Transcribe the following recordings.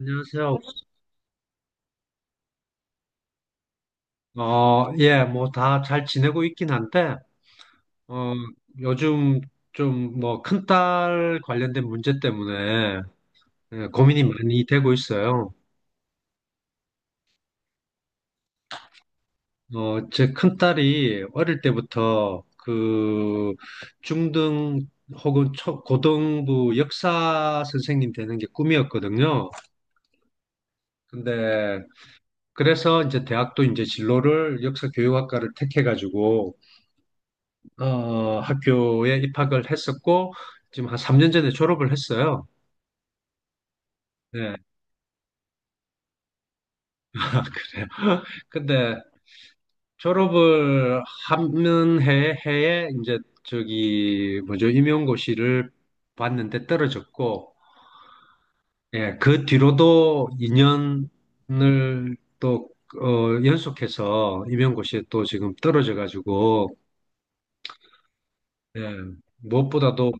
안녕하세요. 예, 뭐 다 잘 지내고 있긴 한데, 어, 요즘 좀 뭐 큰딸 관련된 문제 때문에 예, 고민이 많이 되고 있어요. 제 큰딸이 어릴 때부터 그 중등 혹은 초, 고등부 역사 선생님 되는 게 꿈이었거든요. 근데 그래서 이제 대학도 이제 진로를 역사 교육학과를 택해가지고 학교에 입학을 했었고, 지금 한 3년 전에 졸업을 했어요. 네. 그래요. 근데 졸업을 하는 해에 이제 저기, 뭐죠, 임용고시를 봤는데 떨어졌고, 예, 그 뒤로도 2년을 또, 연속해서 임용고시에 또 지금 떨어져가지고, 예, 무엇보다도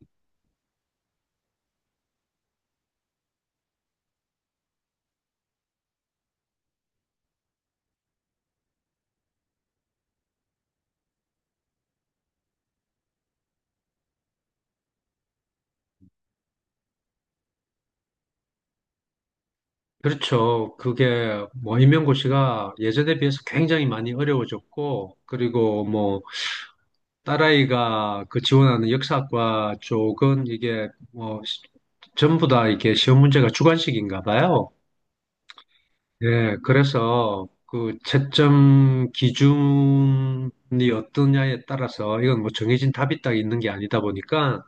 그렇죠. 그게 뭐 임명고 시가 예전에 비해서 굉장히 많이 어려워졌고, 그리고 뭐 딸아이가 그 지원하는 역사학과 쪽은 이게 뭐 전부 다 이게 시험 문제가 주관식인가 봐요. 예, 그래서 그 채점 기준이 어떠냐에 따라서 이건 뭐 정해진 답이 딱 있는 게 아니다 보니까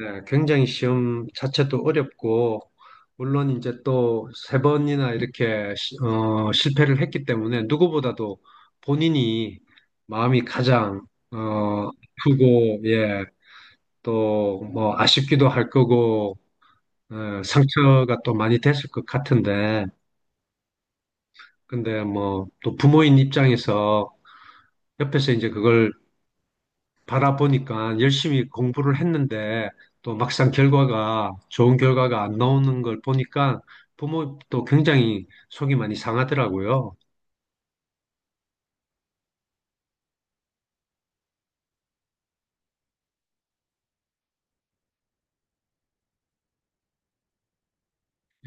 네, 굉장히 시험 자체도 어렵고, 물론 이제 또 세 번이나 이렇게 실패를 했기 때문에 누구보다도 본인이 마음이 가장 아프고, 예, 또 뭐 아쉽기도 할 거고, 예, 상처가 또 많이 됐을 것 같은데, 근데 뭐 또 부모인 입장에서 옆에서 이제 그걸 바라보니까 열심히 공부를 했는데 또 막상 결과가 좋은 결과가 안 나오는 걸 보니까 부모도 굉장히 속이 많이 상하더라고요.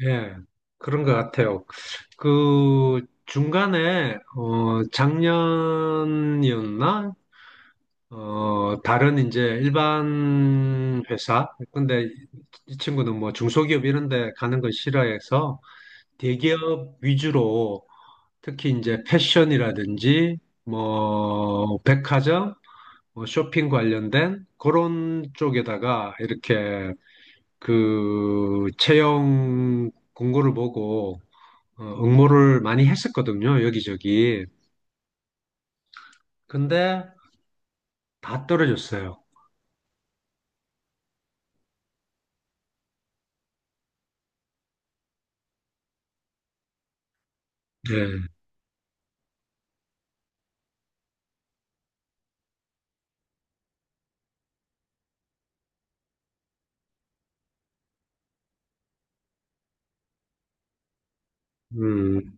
예, 그런 것 같아요. 그 중간에 작년이었나? 다른 이제 일반 회사 근데 이 친구는 뭐 중소기업 이런 데 가는 걸 싫어해서 대기업 위주로 특히 이제 패션이라든지 뭐 백화점, 뭐 쇼핑 관련된 그런 쪽에다가 이렇게 그 채용 공고를 보고 응모를 많이 했었거든요. 여기저기. 근데 다 떨어졌어요. 예. 음.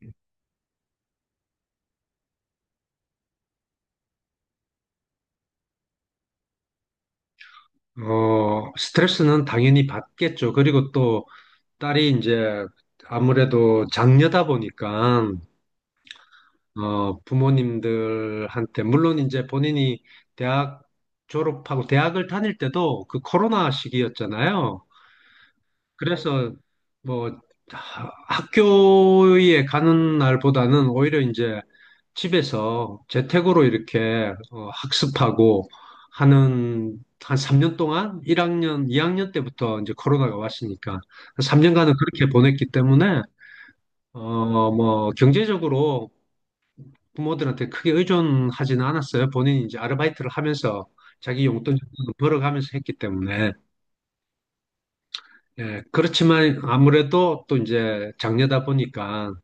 스트레스는 당연히 받겠죠. 그리고 또 딸이 이제 아무래도 장녀다 보니까 부모님들한테, 물론 이제 본인이 대학 졸업하고 대학을 다닐 때도 그 코로나 시기였잖아요. 그래서 뭐 학교에 가는 날보다는 오히려 이제 집에서 재택으로 이렇게 학습하고 하는 한 3년 동안 1학년, 2학년 때부터 이제 코로나가 왔으니까 3년간은 그렇게 보냈기 때문에 뭐 경제적으로 부모들한테 크게 의존하지는 않았어요. 본인이 이제 아르바이트를 하면서 자기 용돈 정도는 벌어가면서 했기 때문에. 예, 그렇지만 아무래도 또 이제 장녀다 보니까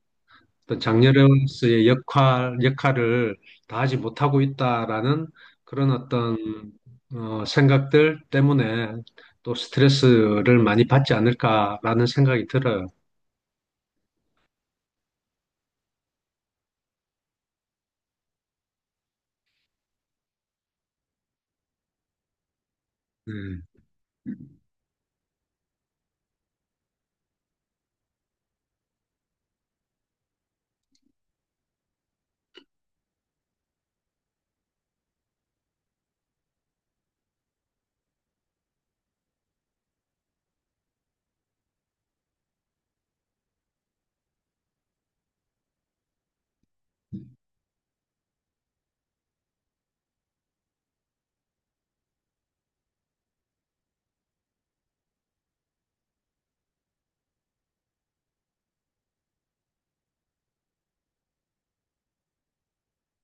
어떤 장녀로서의 역할을 다하지 못하고 있다라는 그런 어떤 생각들 때문에 또 스트레스를 많이 받지 않을까라는 생각이 들어요. 네,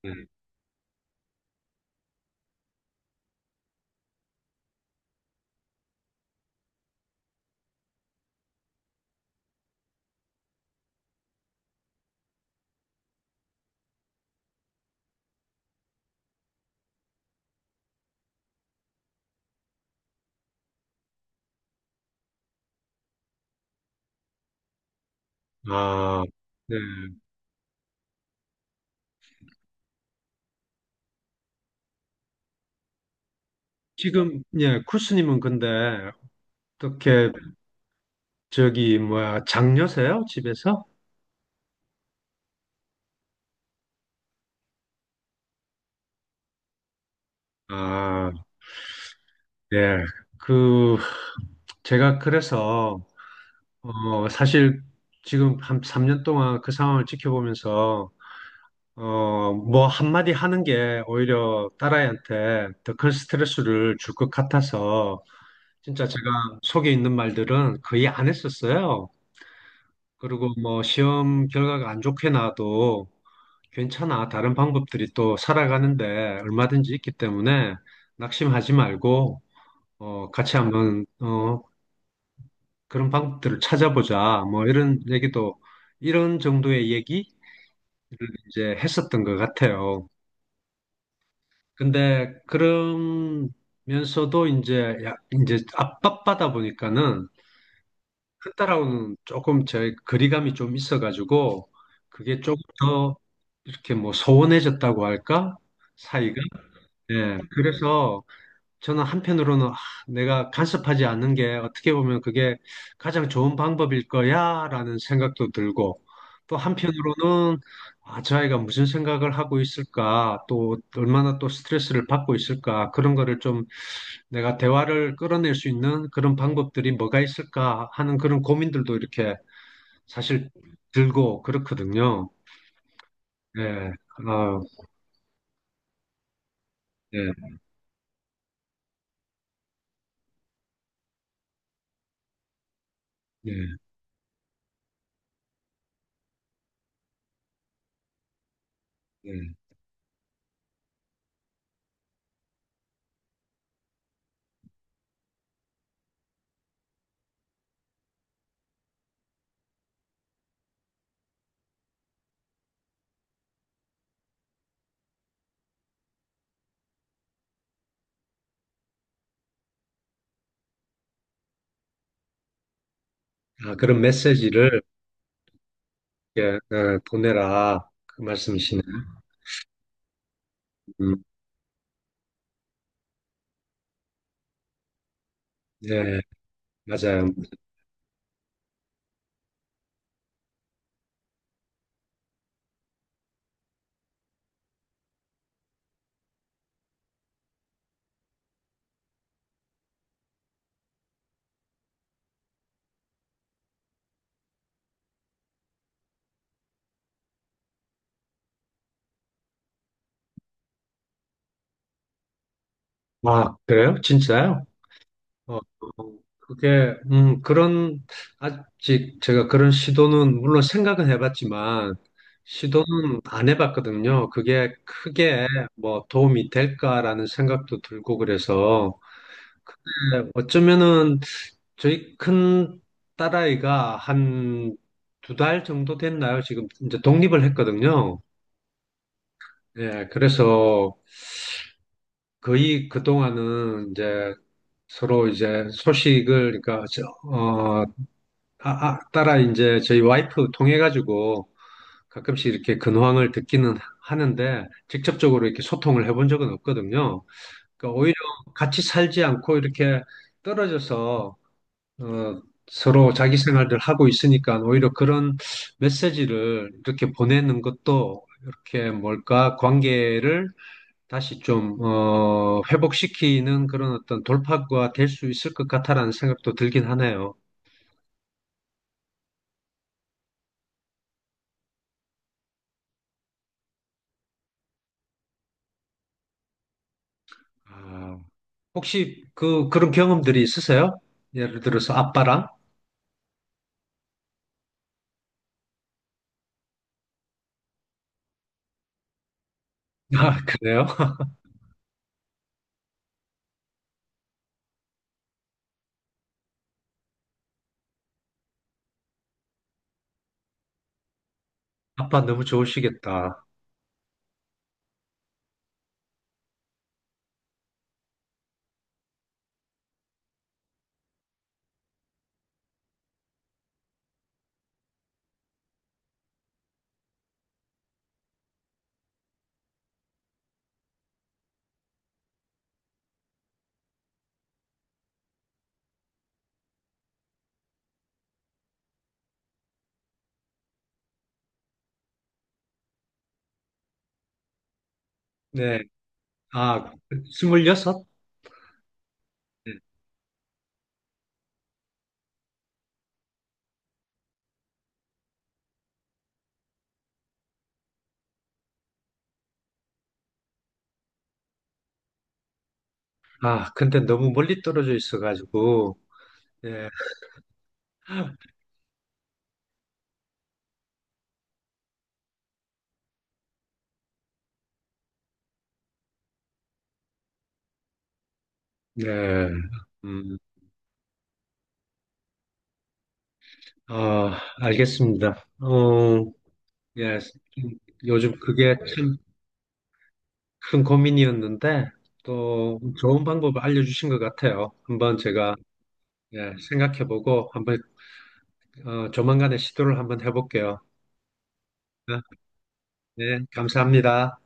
네. 아, 네. 지금, 예, 쿠스님은 근데 어떻게 저기 뭐야 장녀세요? 집에서? 아, 네. 그 제가 그래서 사실 지금 한 3년 동안 그 상황을 지켜보면서 뭐 한마디 하는 게 오히려 딸아이한테 더 큰 스트레스를 줄 것 같아서 진짜 제가 속에 있는 말들은 거의 안 했었어요. 그리고 뭐 시험 결과가 안 좋게 나와도 괜찮아. 다른 방법들이 또 살아가는데 얼마든지 있기 때문에 낙심하지 말고 같이 한번 그런 방법들을 찾아보자. 뭐 이런 얘기도 이런 정도의 얘기 이제 했었던 것 같아요. 근데 그러면서도 이제 야, 이제 압박받아 보니까는 큰딸하고는 조금 제 거리감이 좀 있어가지고 그게 조금 더 이렇게 뭐 소원해졌다고 할까? 사이가. 예. 그래서 저는 한편으로는 아, 내가 간섭하지 않는 게 어떻게 보면 그게 가장 좋은 방법일 거야라는 생각도 들고 또 한편으로는 아, 저 아이가 무슨 생각을 하고 있을까 또 얼마나 또 스트레스를 받고 있을까 그런 거를 좀 내가 대화를 끌어낼 수 있는 그런 방법들이 뭐가 있을까 하는 그런 고민들도 이렇게 사실 들고 그렇거든요. 예, 아, 예, 예, 예. 아, 그런 메시지를 예, 예, 보내라 그 말씀이시네요. 음, 네, 맞아요. 아, 그래요? 진짜요? 그게, 그런, 아직 제가 그런 시도는, 물론 생각은 해봤지만, 시도는 안 해봤거든요. 그게 크게 뭐 도움이 될까라는 생각도 들고 그래서, 네, 어쩌면은 저희 큰 딸아이가 한 두 달 정도 됐나요? 지금 이제 독립을 했거든요. 예, 그래서 거의 그동안은 이제 서로 이제 소식을, 그러니까, 저, 어, 따라 이제 저희 와이프 통해가지고 가끔씩 이렇게 근황을 듣기는 하는데 직접적으로 이렇게 소통을 해본 적은 없거든요. 그러니까 오히려 같이 살지 않고 이렇게 떨어져서, 어, 서로 자기 생활들 하고 있으니까 오히려 그런 메시지를 이렇게 보내는 것도 이렇게 뭘까, 관계를 다시 좀, 회복시키는 그런 어떤 돌파구가 될 수 있을 것 같다라는 생각도 들긴 하네요. 아, 혹시 그런 경험들이 있으세요? 예를 들어서 아빠랑? 아, 그래요? 아빠 너무 좋으시겠다. 네. 아, 26? 네. 아, 근데 너무 멀리 떨어져 있어가지고, 네. 네. 음, 어, 알겠습니다. 예. 음, 요즘 그게 참 큰 고민이었는데 또 좋은 방법을 알려주신 것 같아요. 한번 제가 예, 생각해보고 한번 조만간에 시도를 한번 해볼게요. 네, 네, 감사합니다.